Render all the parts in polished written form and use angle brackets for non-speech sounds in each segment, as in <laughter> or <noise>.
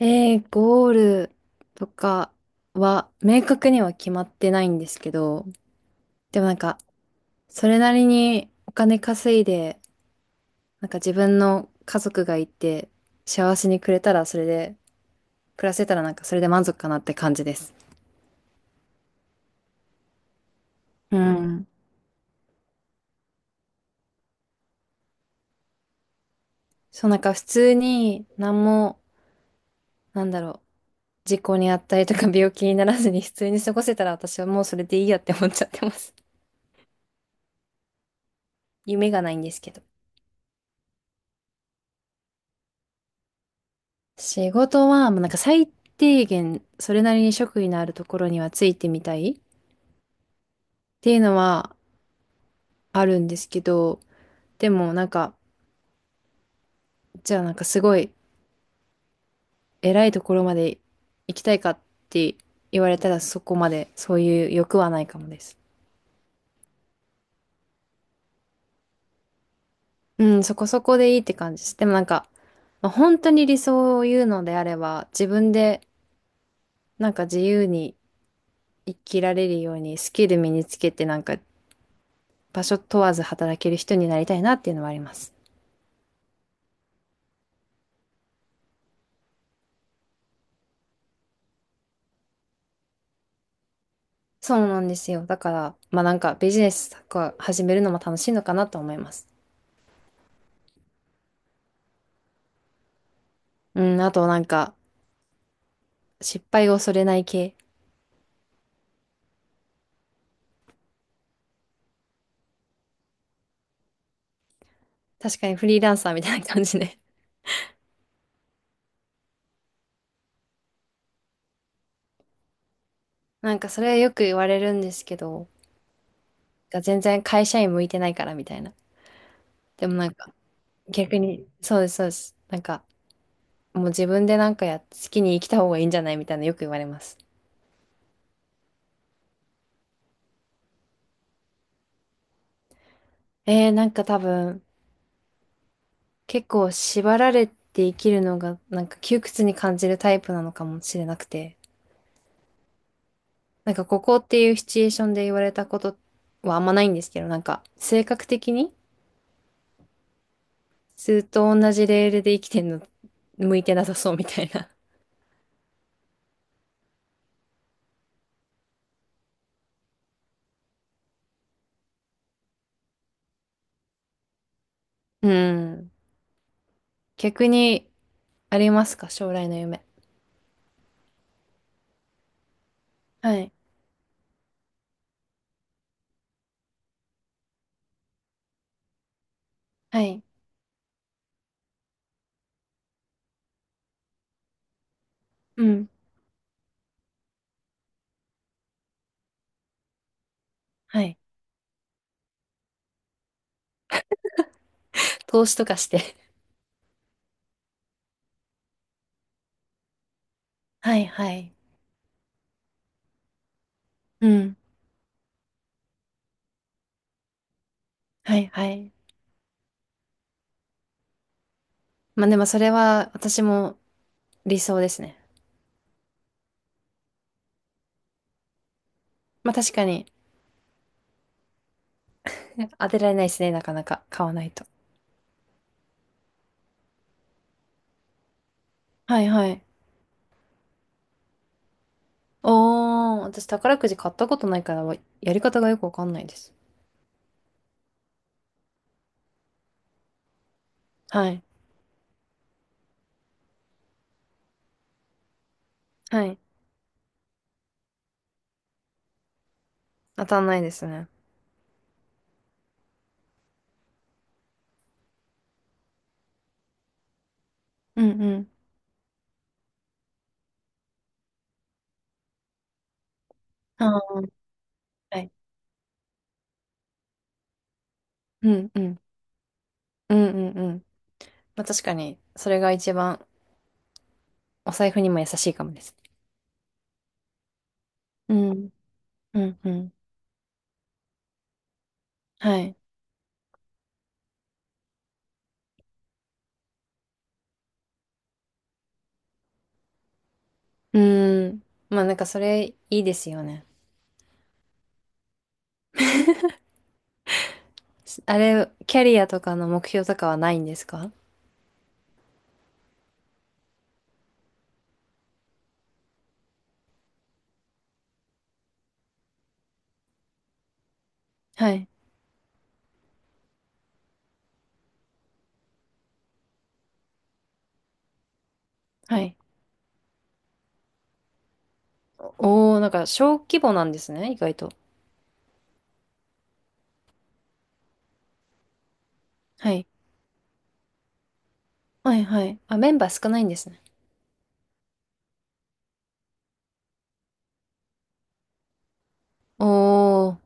ゴールとかは明確には決まってないんですけど、でもなんか、それなりにお金稼いで、自分の家族がいて、幸せにくれたらそれで、暮らせたらそれで満足かなって感じです。うん。そう普通に何も、なんだろう、事故にあったりとか病気にならずに普通に過ごせたら私はもうそれでいいやって思っちゃってます。夢がないんですけど。仕事は、まあ、最低限、それなりに職位のあるところにはついてみたいっていうのはあるんですけど、でもなんか、じゃあすごい偉いところまで行きたいかって言われたらそこまでそういう欲はないかもです。うん、そこそこでいいって感じです。でもなんか、まあ、本当に理想を言うのであれば、自分で自由に生きられるようにスキル身につけて場所問わず働ける人になりたいなっていうのはあります。そうなんですよ。だから、まあビジネスとか始めるのも楽しいのかなと思います。うん、あと失敗を恐れない系。確かにフリーランサーみたいな感じで。<laughs> それはよく言われるんですけど、全然会社員向いてないからみたいな。でもなんか逆に、そうです、そうです。もう自分でなんかや、好きに生きた方がいいんじゃないみたいなよく言われます。多分結構縛られて生きるのが窮屈に感じるタイプなのかもしれなくて。ここっていうシチュエーションで言われたことはあんまないんですけど、性格的にずっと同じレールで生きてんの向いてなさそうみたいな。<laughs> うん。逆にありますか将来の夢。はい。はい。うん。はい。投資とかして。はいはい。うん。はいはい。まあでもそれは私も理想ですね。まあ確かに。 <laughs> 当てられないですね、なかなか買わないと。はいはい。おー、私宝くじ買ったことないから、やり方がよくわかんないです。はい。はい。当たんないですね。うんうん。あー、はい。うんうん。うんうんうん。まあ確かに、それが一番お財布にも優しいかもです。うん。うんうん。はい。うーん。まあそれいいですよね。<laughs> あれ、キャリアとかの目標とかはないんですか？はい。はい。おお、なんか小規模なんですね、意外と。はい。はいはい。あ、メンバー少ないんですね。お、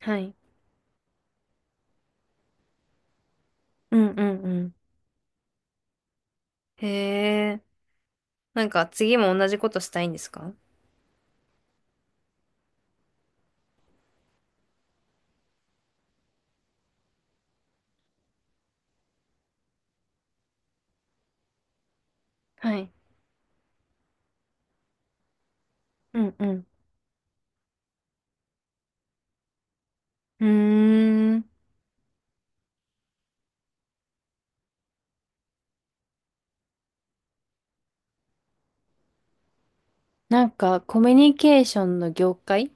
はい。うんうんうん。へえ。なんか次も同じことしたいんですか？はい。うんうん。うーん。なんか、コミュニケーションの業界、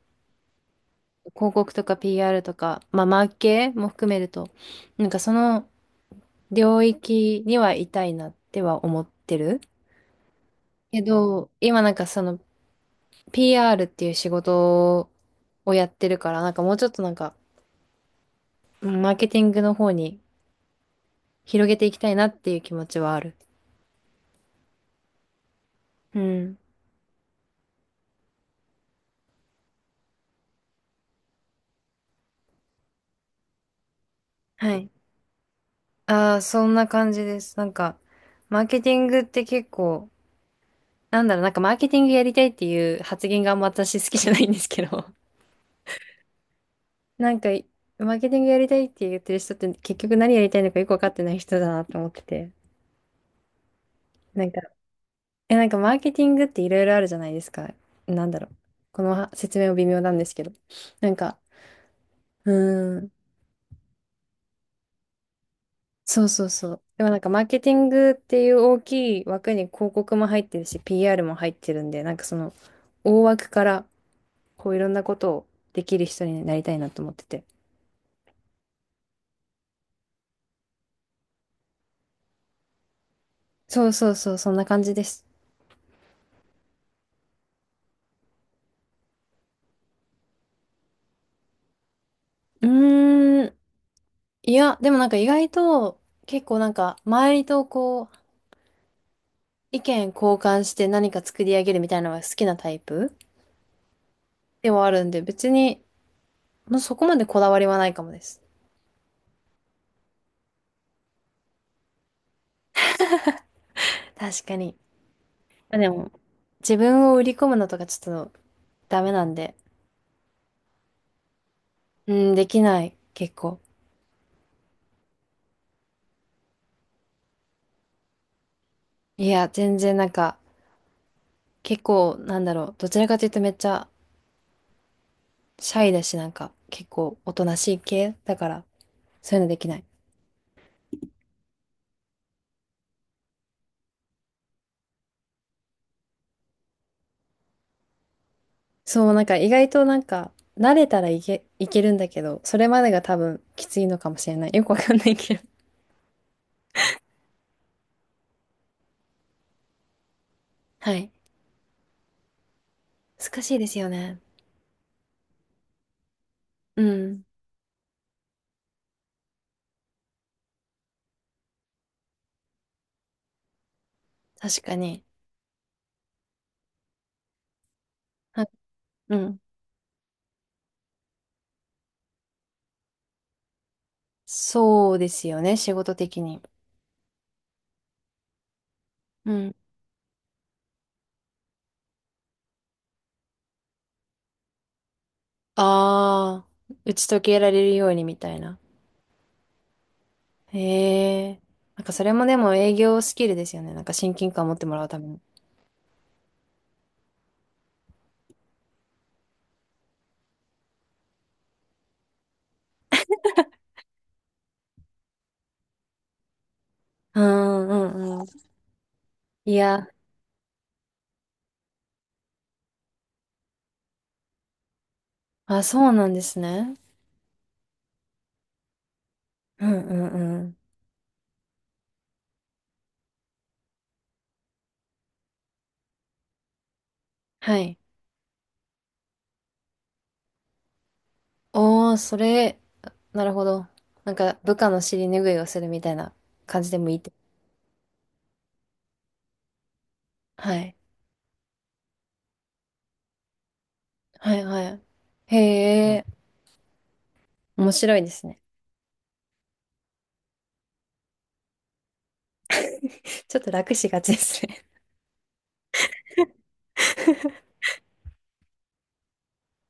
広告とか PR とか、まあ、マーケも含めると、その領域にはいたいなっては思ってる。けど、今その PR っていう仕事をやってるから、もうちょっとうんマーケティングの方に広げていきたいなっていう気持ちはある。うん。はい。ああ、そんな感じです。なんか、マーケティングって結構、マーケティングやりたいっていう発言があんま私好きじゃないんですけど、<laughs> なんか、マーケティングやりたいって言ってる人って結局何やりたいのかよくわかってない人だなと思ってて。なんか、え、なんかマーケティングっていろいろあるじゃないですか。なんだろう。このは説明も微妙なんですけど。なんか、うーん、そうそうそう。でもマーケティングっていう大きい枠に広告も入ってるし、PR も入ってるんで、大枠から、こういろんなことをできる人になりたいなと思ってて。そうそうそう、そんな感じです。うーん、いや、でも意外と結構周りとこう意見交換して何か作り上げるみたいなのが好きなタイプではあるんで別にもうそこまでこだわりはないかもです。確かに。まあでも自分を売り込むのとかちょっとダメなんで、うん、できない、結構。いや、全然結構どちらかというとめっちゃシャイだし、結構おとなしい系だから、そういうのできない。そう、意外と慣れたらいけるんだけど、それまでが多分きついのかもしれない。よくわかんないけど。はい。難しいですよね。うん。確かに。は、うん。そうですよね、仕事的に。うん。ああ、打ち解けられるようにみたいな。へえ。それもでも営業スキルですよね。なんか親近感持ってもらうために。うんうんうん。いや、あ、そうなんですね。うんうんうん。はい。おー、それ、なるほど。なんか、部下の尻拭いをするみたいな感じでもいいって。はい。はいはい。へえ、面白いですね。<laughs> ちょっと楽しがちですね